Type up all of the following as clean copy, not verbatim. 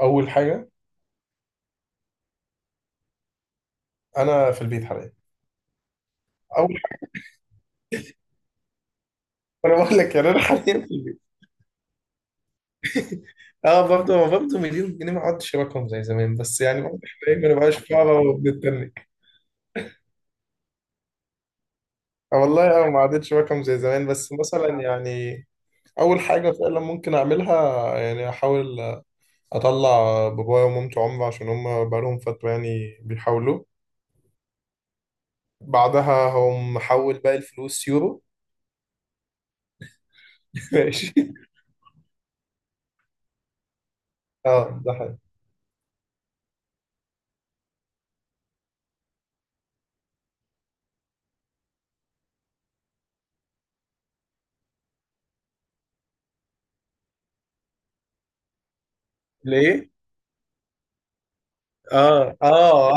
اول حاجه، انا في البيت حاليا. اول حاجه، انا بقول لك يعني انا حاليا في البيت. اه، برضه مليون جنيه ما عادش رقم زي زمان، بس يعني برضه حاليا ما نبقاش فقراء وبنتنك. آه والله، اه، ما عادتش رقم زي زمان، بس مثلا يعني اول حاجه فعلا ممكن اعملها، يعني احاول اطلع بابايا ومامتي عمره عشان هم بقالهم فتره يعني بيحاولوا. بعدها هم حول باقي الفلوس يورو. ماشي. اه، ده حاجه. ليه؟ اه، اه.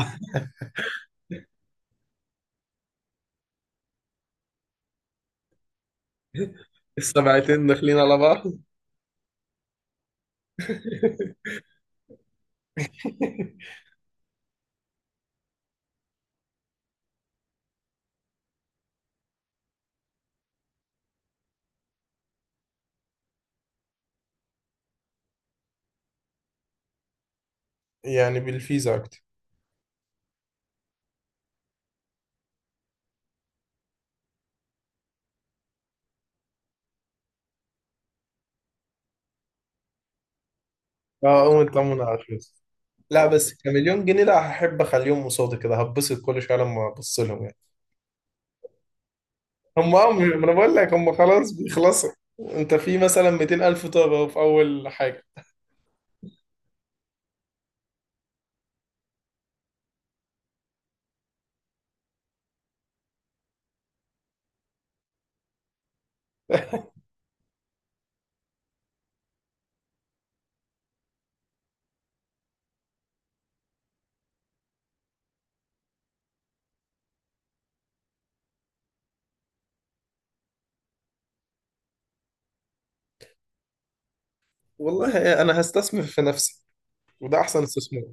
السبعتين داخلين على بعض. يعني بالفيزا اكتر. اه، قوم اطمن على الفلوس. لا، بس كمليون جنيه، لا، هحب اخليهم قصادي كده هتبسط كل شويه لما ابص لهم يعني. هم، ما انا بقول لك هم خلاص بيخلصوا. انت في مثلا 200 الف طابه أهو، في اول حاجه. والله انا هستثمر في نفسي. وده احسن استثمار.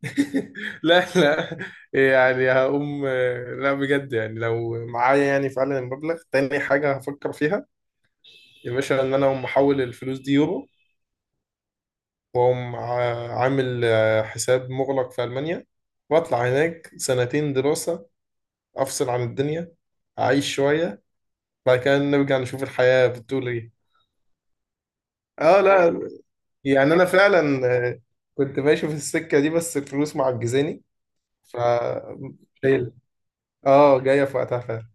لا، لا، يعني هقوم. لا بجد، يعني لو معايا يعني فعلا المبلغ، تاني حاجة هفكر فيها يا باشا ان انا اقوم احول الفلوس دي يورو. وأقوم عامل حساب مغلق في ألمانيا. وأطلع هناك سنتين دراسة. أفصل عن الدنيا، أعيش شوية، بعد كده نرجع نشوف الحياة بتقول إيه. آه لا، يعني أنا فعلا، كنت ماشي في السكة دي بس الفلوس معجزاني. ف شايل آه جاية في وقتها فعلا.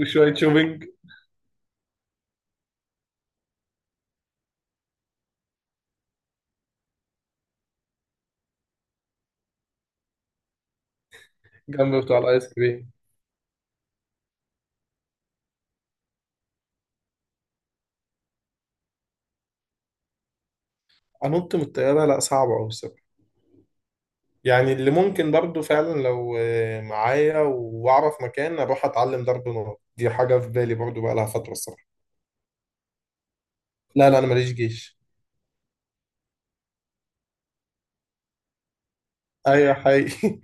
وشوية شوبينج. جنب بتوع الآيس كريم. أنط من الطيارة؟ لا، صعبة أوي الصراحة. يعني اللي ممكن برضو فعلا لو معايا واعرف مكان اروح اتعلم ضرب نار، دي حاجه في بالي برضو بقى لها فتره الصراحه. لا، لا، انا ماليش جيش. ايوه حقيقي.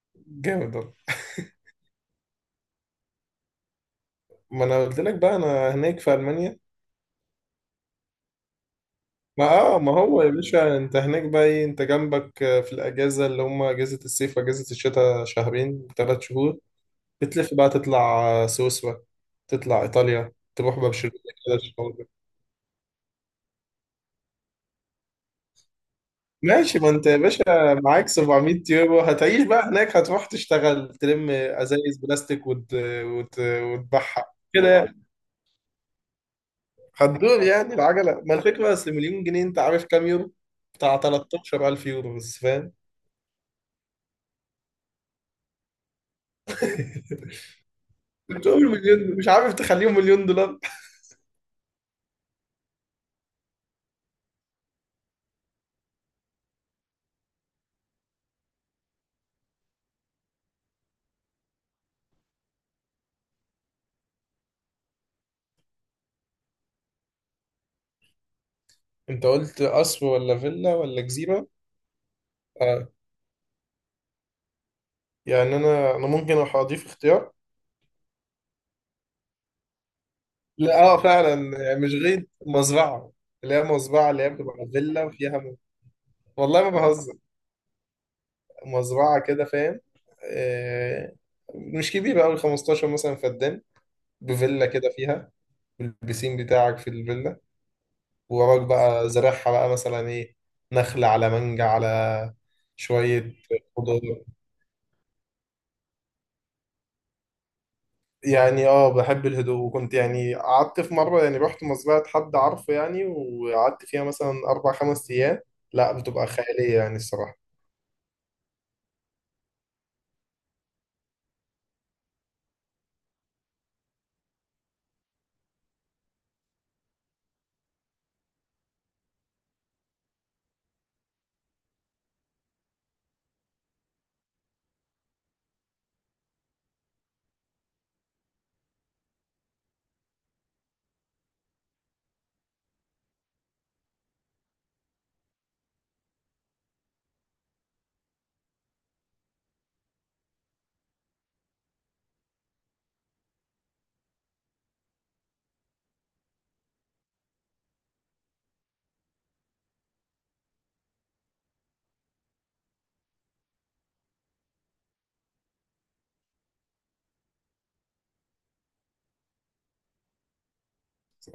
جامد والله. ما انا قلت لك بقى انا هناك في المانيا. ما هو يا باشا، انت هناك بقى ايه؟ انت جنبك، في الاجازه اللي هم اجازه الصيف واجازه الشتاء شهرين ثلاث شهور، بتلف بقى تطلع سويسرا، تطلع ايطاليا، تروح برشلونه كده. ماشي. ما انت يا باشا معاك 700 يورو، هتعيش بقى هناك؟ هتروح تشتغل تلم ازايز بلاستيك وتبعها كده يعني. هتدور يعني العجله، ما الفكره اصل مليون جنيه انت عارف كام يورو؟ بتاع 13000 يورو بس فاهم. بتقول مليون، مش عارف، تخليهم مليون دولار. انت قلت قصر ولا فيلا ولا جزيره؟ اه، يعني انا ممكن اضيف اختيار. لا، اه، فعلا يعني مش غير مزرعه اللي هي مزرعه، اللي هي بتبقى فيلا وفيها والله ما بهزر. مزرعة كده فاهم. آه، مش كبيرة أوي 15 مثلا فدان. بفيلا كده فيها، والبسين بتاعك في الفيلا، ووراك بقى زرعها بقى مثلا إيه، نخل على مانجا على شوية خضار. يعني اه، بحب الهدوء، وكنت يعني قعدت في مرة يعني رحت مزرعة حد عارفه يعني وقعدت فيها مثلا أربع خمس أيام. لا، بتبقى خيالية يعني الصراحة.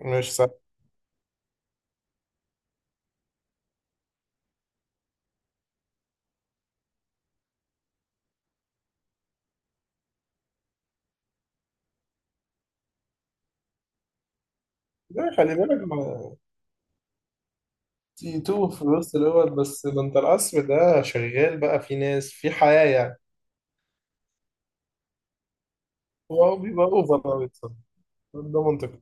مش سهل. لا، خلي بالك. تي تو في الوسط دوت، بس ده انت القصر ده شغال بقى في ناس في حياة يعني. هو بيبقى اوفر قوي بصراحة. ده منطقي.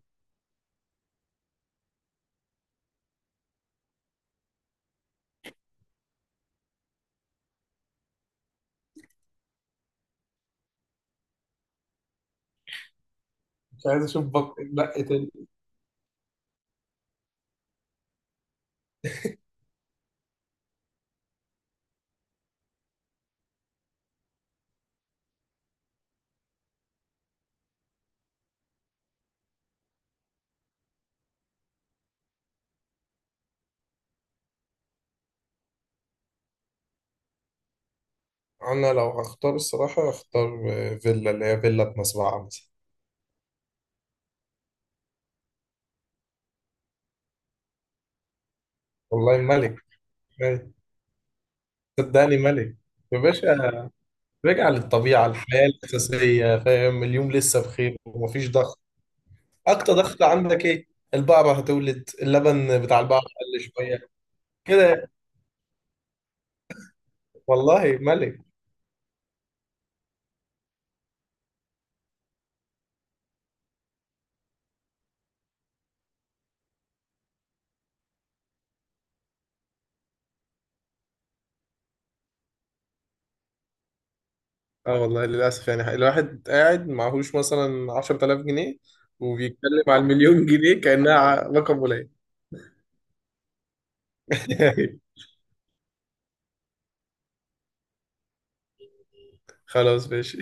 مش عايز اشوف بق تاني. انا لو هختار الصراحة هختار، فيلا، اللي هي فيلا بمزرعة مثلا. والله ملك. ملك. صدقني ملك يا باشا. رجع للطبيعة، الحياة الأساسية، فاهم؟ اليوم لسه بخير ومفيش ضغط. أكتر ضغط عندك إيه؟ البقرة هتولد، اللبن بتاع البقرة قل شوية كده. والله ملك. اه والله للأسف، يعني الواحد قاعد معهوش مثلا 10000 جنيه وبيتكلم على المليون جنيه كأنها رقم قليل. خلاص، ماشي.